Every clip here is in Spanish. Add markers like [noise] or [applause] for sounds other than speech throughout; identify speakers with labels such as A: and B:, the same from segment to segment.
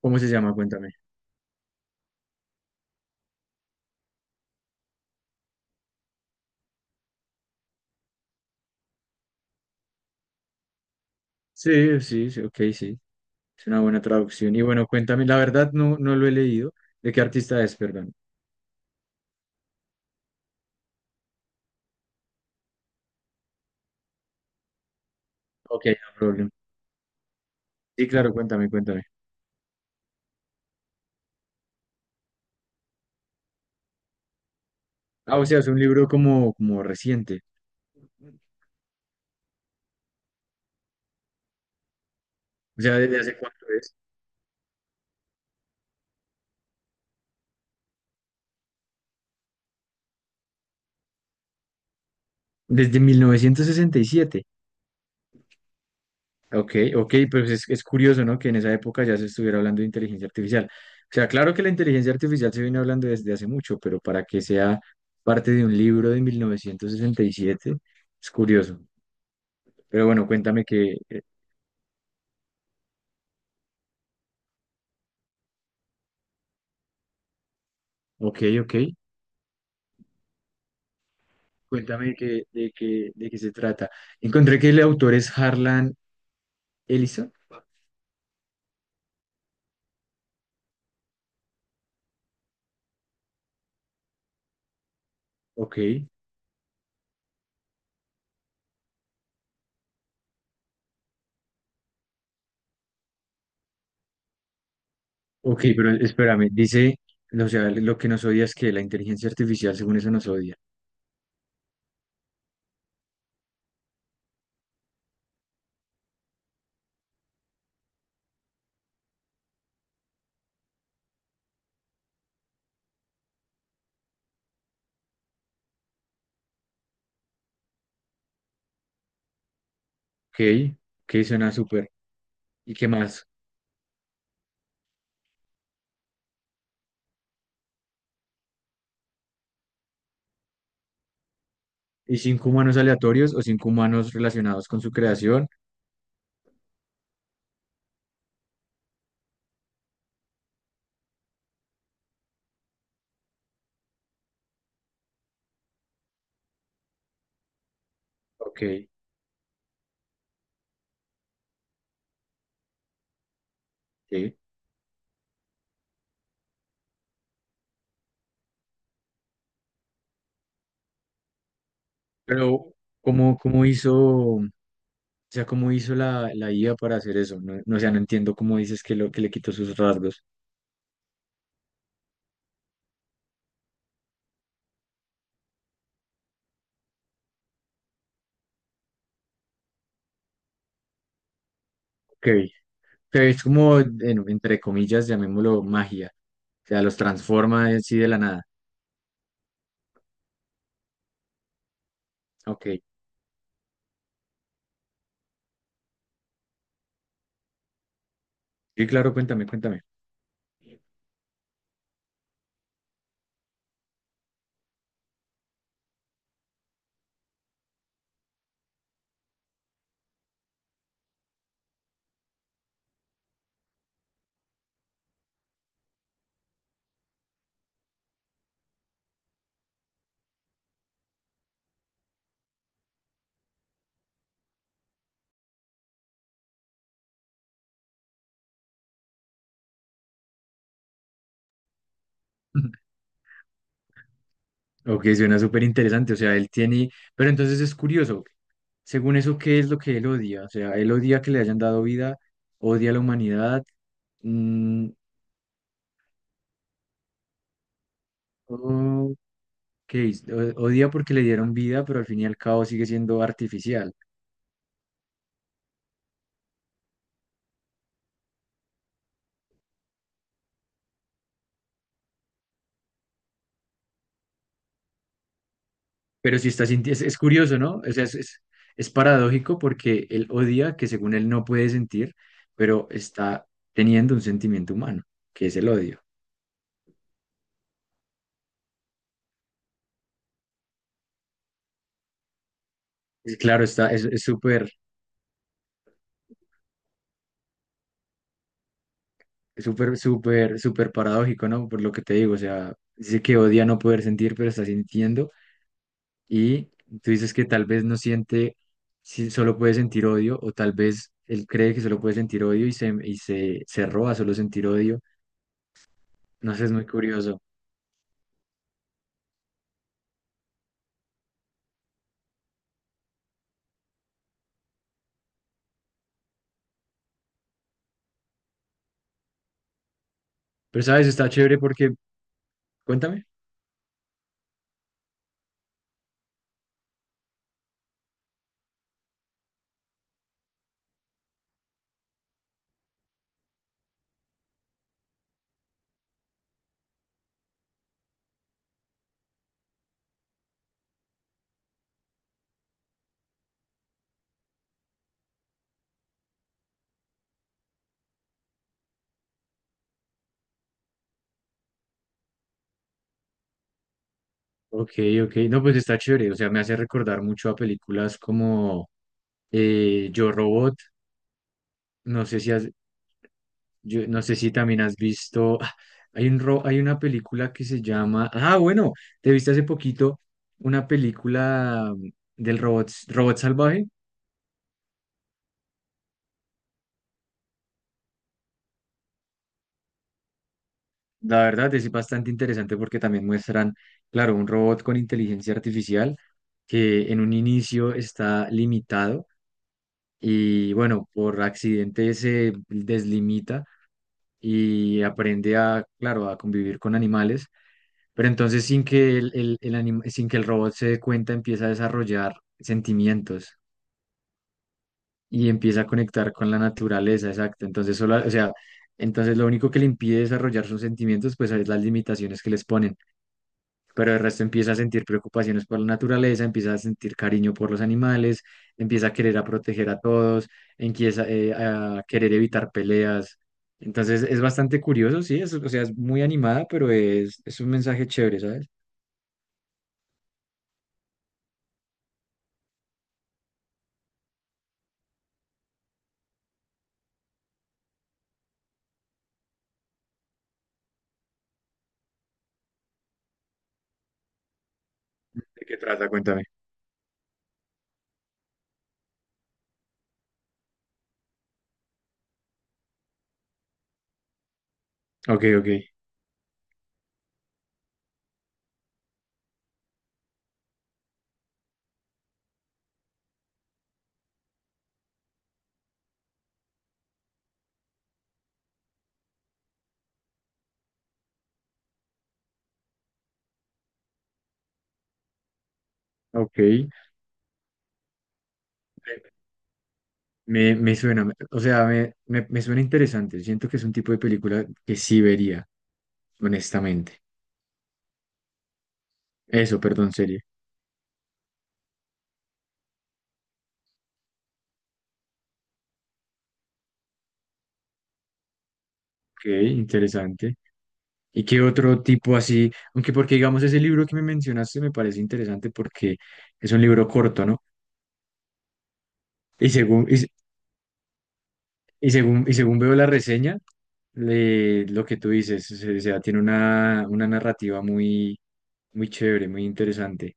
A: ¿Cómo se llama? Cuéntame. Sí, sí, sí, ok, sí. Es una buena traducción. Y bueno, cuéntame, la verdad no, no lo he leído. ¿De qué artista es, perdón? Ok, no problema. Sí, claro, cuéntame, cuéntame. Ah, o sea, es un libro como reciente. O sea, ¿desde hace cuánto es? Desde 1967. Ok, ok, pero es curioso, ¿no? Que en esa época ya se estuviera hablando de inteligencia artificial. O sea, claro que la inteligencia artificial se viene hablando desde hace mucho, pero para que sea parte de un libro de 1967 es curioso. Pero bueno, cuéntame que, ok, ok, cuéntame que, de qué se trata. Encontré que el autor es Harlan Ellison. Ok, ok, pero espérame, dice, no, o sea, lo que nos odia es que la inteligencia artificial, según eso, nos odia. Ok, ok, suena súper. ¿Y qué más? ¿Y cinco humanos aleatorios o cinco humanos relacionados con su creación? Ok, sí. Pero, ¿cómo hizo, o sea, cómo hizo la IA para hacer eso? No, no, o sea, no entiendo cómo dices que le quitó sus rasgos. Ok. Pero es como, entre comillas, llamémoslo magia. O sea, los transforma así de la nada. Ok. Sí, claro, cuéntame, cuéntame. [laughs] Ok, suena súper interesante. O sea, él tiene. Pero entonces es curioso. Ok. Según eso, ¿qué es lo que él odia? O sea, él odia que le hayan dado vida, odia a la humanidad. Mm, ok, odia porque le dieron vida, pero al fin y al cabo sigue siendo artificial. Pero sí está sintiendo, es curioso, ¿no? O sea, es paradójico porque él odia que según él no puede sentir, pero está teniendo un sentimiento humano, que es el odio. Es claro, está, es súper, súper, súper paradójico, ¿no? Por lo que te digo, o sea, dice que odia no poder sentir, pero está sintiendo y tú dices que tal vez no siente, si solo puede sentir odio o tal vez él cree que solo puede sentir odio y se roba solo sentir odio. No sé, es muy curioso. Pero sabes, está chévere porque, cuéntame. Ok, ok. No, pues está chévere. O sea, me hace recordar mucho a películas como Yo Robot. No sé si has, Yo, no sé si también has visto. Hay una película que se llama. Ah, bueno, te viste hace poquito una película del robot salvaje. La verdad es bastante interesante porque también muestran, claro, un robot con inteligencia artificial que en un inicio está limitado. Y bueno, por accidente se deslimita y aprende a, claro, a convivir con animales, pero entonces sin que el robot se dé cuenta empieza a desarrollar sentimientos y empieza a conectar con la naturaleza, exacto. O sea, entonces lo único que le impide desarrollar sus sentimientos, pues es las limitaciones que les ponen pero el resto empieza a sentir preocupaciones por la naturaleza, empieza a sentir cariño por los animales, empieza a querer a proteger a todos, empieza a querer evitar peleas. Entonces es bastante curioso, sí, es, o sea, es, muy animada, pero es un mensaje chévere, ¿sabes? ¿De qué trata? Cuéntame. Ok, ok, ok. Me suena, o sea, me suena interesante. Siento que es un tipo de película que sí vería, honestamente. Eso, perdón, serie. Ok, interesante. ¿Y qué otro tipo así? Aunque porque digamos ese libro que me mencionaste me parece interesante porque es un libro corto, ¿no? Y según, y, se- y según veo la reseña, lo que tú dices, o sea, tiene una narrativa muy, muy chévere, muy interesante.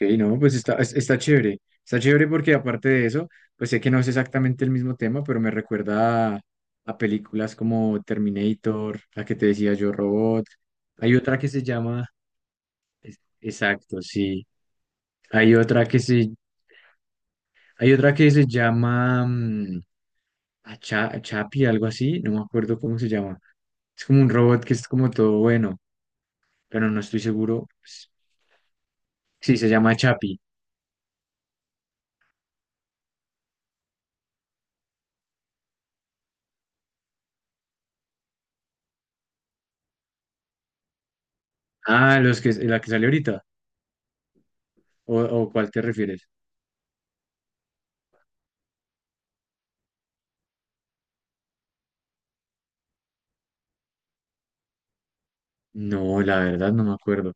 A: Ok, no, pues está chévere. Está chévere porque aparte de eso, pues sé que no es exactamente el mismo tema, pero me recuerda a películas como Terminator, la que te decía yo, Robot. Hay otra que se llama, exacto, sí. Hay otra que se, hay otra que se llama Chapi, algo así, no me acuerdo cómo se llama. Es como un robot que es como todo bueno, pero no estoy seguro. Pues, sí, se llama Chapi. Ah, los que, la que salió ahorita. ¿O cuál te refieres? No, la verdad no me acuerdo.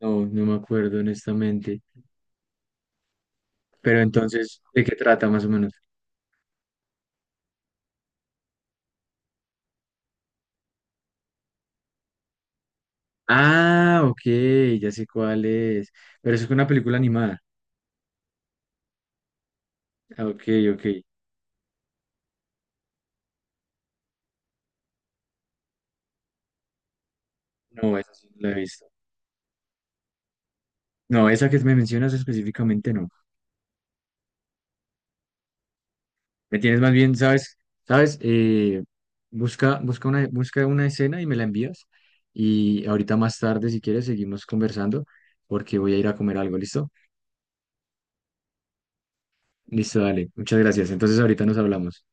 A: No, no me acuerdo honestamente. Pero entonces, ¿de qué trata más o menos? Ah, ok, ya sé cuál es. Pero eso es una película animada. Ah, ok, ok. No, esa sí no la he visto. No, esa que me mencionas específicamente no. Me tienes más bien, ¿sabes? ¿Sabes? Busca una escena y me la envías. Y ahorita más tarde, si quieres, seguimos conversando porque voy a ir a comer algo, ¿listo? Listo, dale. Muchas gracias. Entonces ahorita nos hablamos.